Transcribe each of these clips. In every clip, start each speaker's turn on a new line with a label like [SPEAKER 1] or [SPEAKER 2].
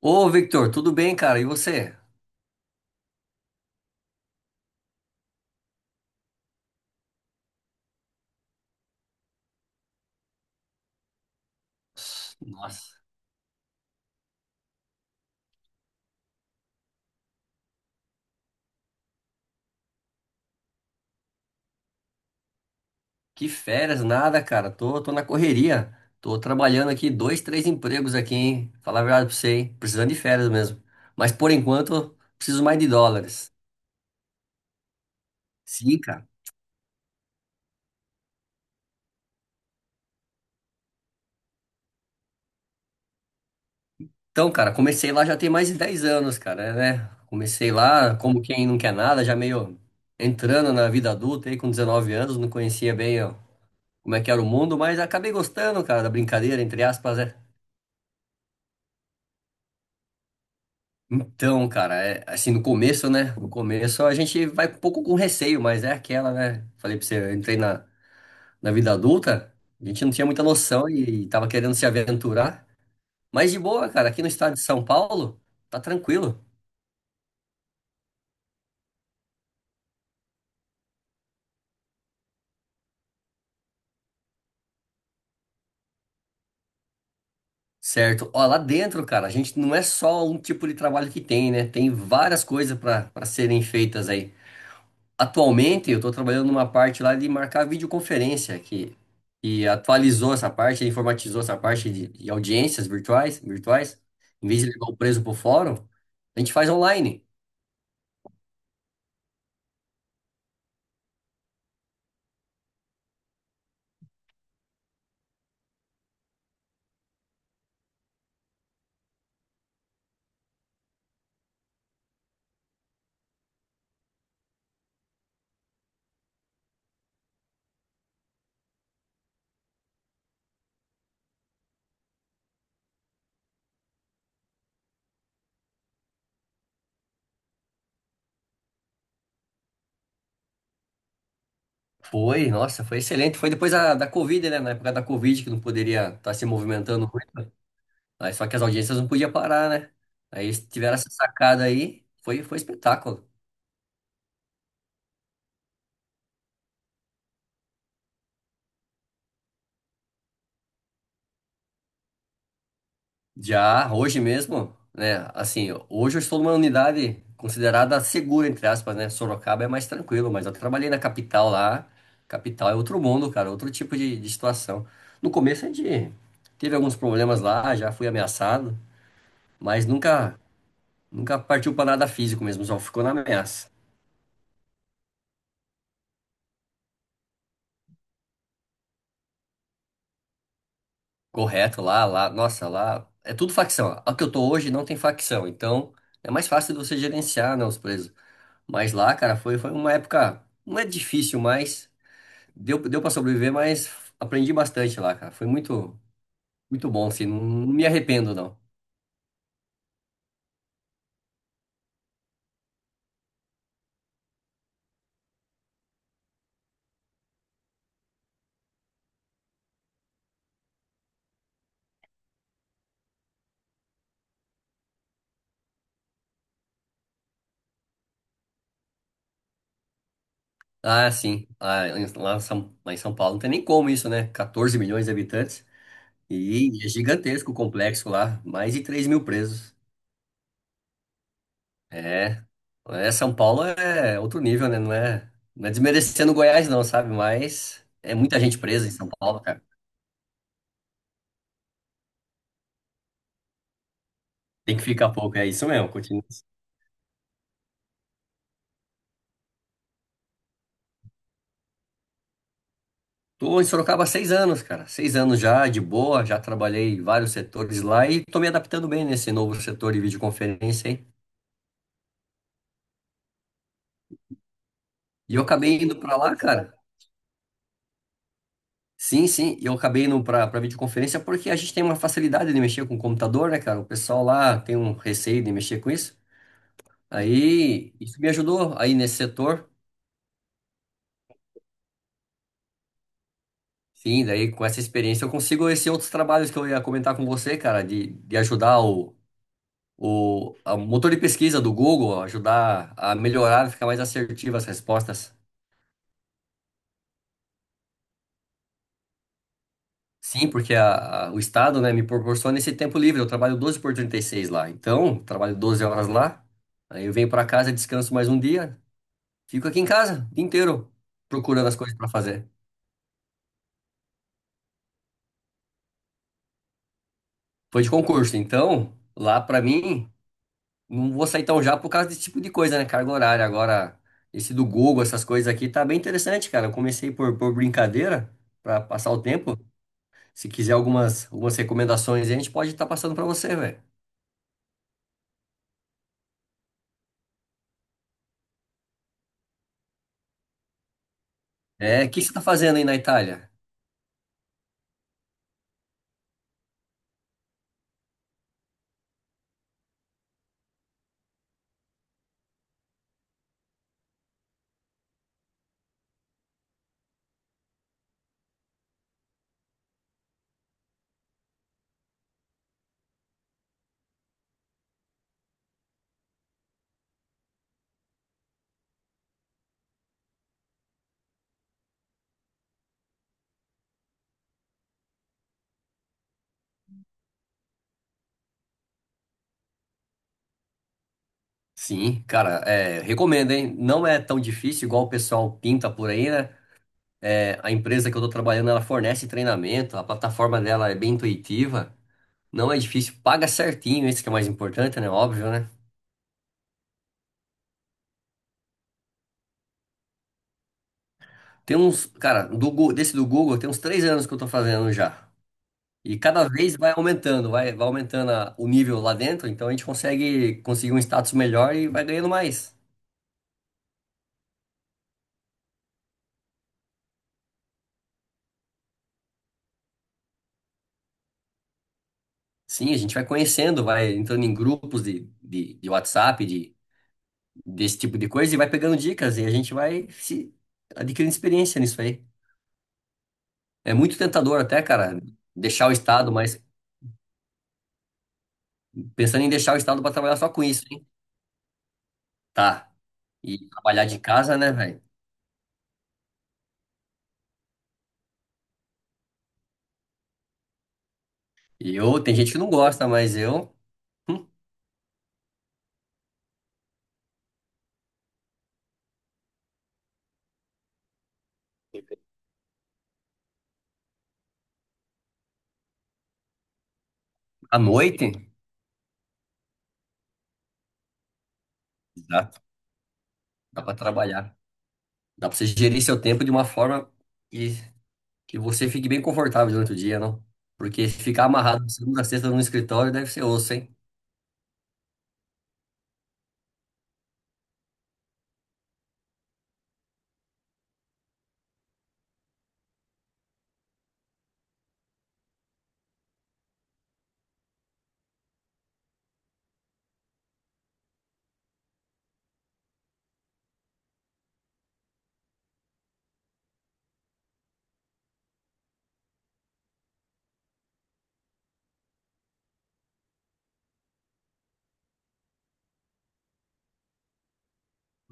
[SPEAKER 1] Ô, Victor, tudo bem, cara? E você? Nossa, que férias, nada, cara. Tô na correria. Tô trabalhando aqui dois, três empregos aqui, hein? Falar a verdade pra você, hein? Precisando de férias mesmo. Mas por enquanto, preciso mais de dólares. Sim, cara. Então, cara, comecei lá já tem mais de 10 anos, cara, né? Comecei lá como quem não quer nada, já meio entrando na vida adulta aí com 19 anos, não conhecia bem ó, como é que era o mundo, mas acabei gostando, cara, da brincadeira, entre aspas, né? Então, cara, é, assim, no começo, né? No começo a gente vai um pouco com receio, mas é aquela, né? Falei pra você, eu entrei na vida adulta, a gente não tinha muita noção e tava querendo se aventurar. Mas de boa, cara, aqui no estado de São Paulo, tá tranquilo, certo? Ó, lá dentro, cara, a gente não é só um tipo de trabalho que tem, né? Tem várias coisas pra para serem feitas aí. Atualmente eu estou trabalhando numa parte lá de marcar videoconferência que e atualizou essa parte, informatizou essa parte de audiências virtuais, virtuais. Em vez de levar o preso para o fórum, a gente faz online. Foi, nossa, foi excelente. Foi depois da Covid, né? Na época da Covid que não poderia estar se movimentando muito. Aí, só que as audiências não podiam parar, né? Aí eles tiveram essa sacada aí, foi espetáculo. Já hoje mesmo, né? Assim, hoje eu estou numa unidade considerada segura, entre aspas, né? Sorocaba é mais tranquilo, mas eu trabalhei na capital lá. Capital é outro mundo, cara, outro tipo de situação. No começo a gente teve alguns problemas lá, já fui ameaçado, mas nunca partiu para nada físico mesmo, só ficou na ameaça. Correto, lá, nossa, lá é tudo facção. A que eu tô hoje não tem facção, então é mais fácil de você gerenciar, né, os presos. Mas lá, cara, foi uma época, não é difícil, mas. Deu para sobreviver, mas aprendi bastante lá, cara. Foi muito, muito bom, assim. Não, não me arrependo, não. Ah, sim. Lá, em São Paulo não tem nem como isso, né? 14 milhões de habitantes. E é gigantesco o complexo lá. Mais de 3.000 presos. É. É, São Paulo é outro nível, né? Não é desmerecendo Goiás, não, sabe? Mas é muita gente presa em São Paulo, cara. Tem que ficar pouco. É isso mesmo. Continua assim. Tô em Sorocaba há 6 anos, cara. Seis anos já, de boa. Já trabalhei em vários setores lá e tô me adaptando bem nesse novo setor de videoconferência, hein? E eu acabei indo pra lá, cara. Sim, sim. E eu acabei indo pra videoconferência porque a gente tem uma facilidade de mexer com o computador, né, cara? O pessoal lá tem um receio de mexer com isso. Aí, isso me ajudou aí nesse setor. Sim, daí com essa experiência eu consigo esses outros trabalhos que eu ia comentar com você, cara, de ajudar o motor de pesquisa do Google ajudar a melhorar, ficar mais assertivo as respostas. Sim, porque o Estado, né, me proporciona esse tempo livre. Eu trabalho 12 por 36 lá. Então, trabalho 12 horas lá. Aí eu venho para casa, descanso mais um dia. Fico aqui em casa o dia inteiro procurando as coisas para fazer. Foi de concurso. Então, lá para mim, não vou sair tão já por causa desse tipo de coisa, né? Carga horária. Agora, esse do Google, essas coisas aqui, tá bem interessante, cara. Eu comecei por brincadeira, para passar o tempo. Se quiser algumas recomendações, aí, a gente pode estar passando para você, velho. É, o que você tá fazendo aí na Itália? Sim, cara, é, recomendo, hein? Não é tão difícil igual o pessoal pinta por aí, né? É, a empresa que eu tô trabalhando, ela fornece treinamento, a plataforma dela é bem intuitiva, não é difícil, paga certinho, isso que é mais importante, né? Óbvio, né? Tem uns, cara, desse do Google, tem uns 3 anos que eu tô fazendo já. E cada vez vai aumentando o nível lá dentro, então a gente consegue conseguir um status melhor e vai ganhando mais. Sim, a gente vai conhecendo, vai entrando em grupos de WhatsApp, desse tipo de coisa, e vai pegando dicas, e a gente vai se adquirindo experiência nisso aí. É muito tentador até, cara, deixar o estado, mas pensando em deixar o estado para trabalhar só com isso, hein? Tá. E trabalhar de casa, né, velho? E eu, tem gente que não gosta, mas eu, hum, à noite, exato, dá para trabalhar. Dá para você gerir seu tempo de uma forma que Que você fique bem confortável durante o dia, não? Porque se ficar amarrado de segunda a sexta no escritório deve ser osso, hein?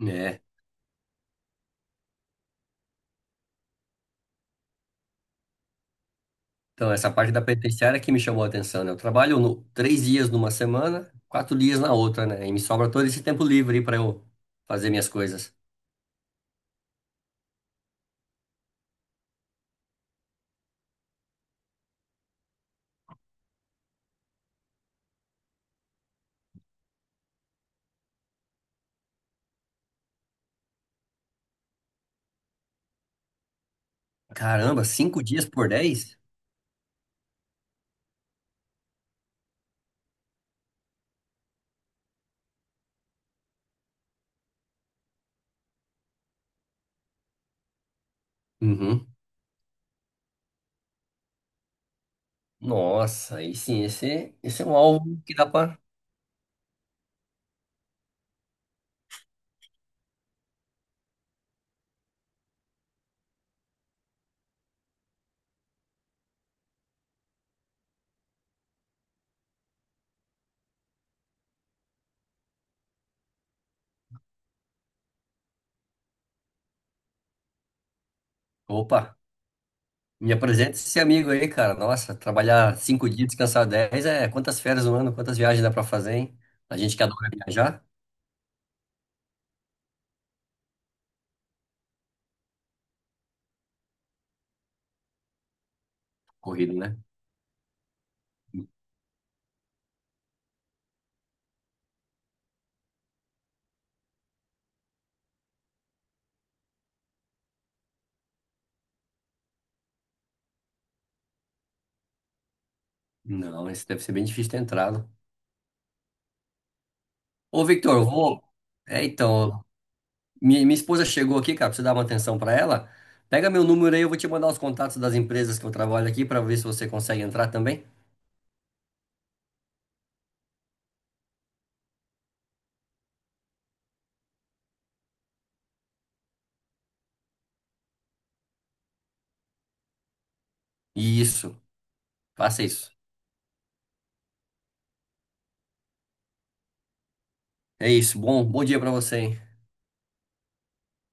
[SPEAKER 1] É. Então, essa parte da penitenciária que me chamou a atenção, né? Eu trabalho 3 dias numa semana, 4 dias na outra, né? E me sobra todo esse tempo livre para eu fazer minhas coisas. Caramba, 5 dias por 10? Uhum. Nossa, aí sim, esse é um alvo que dá pra. Opa, me apresenta esse amigo aí, cara. Nossa, trabalhar 5 dias, descansar 10, é quantas férias no ano, quantas viagens dá pra fazer, hein? A gente que adora viajar. Corrido, né? Não, esse deve ser bem difícil ter entrado. Ô, Victor, eu é. Vou. É, então, minha esposa chegou aqui, cara, pra você dar uma atenção pra ela. Pega meu número aí, eu vou te mandar os contatos das empresas que eu trabalho aqui pra ver se você consegue entrar também. Isso, faça isso. É isso, bom dia pra você, hein?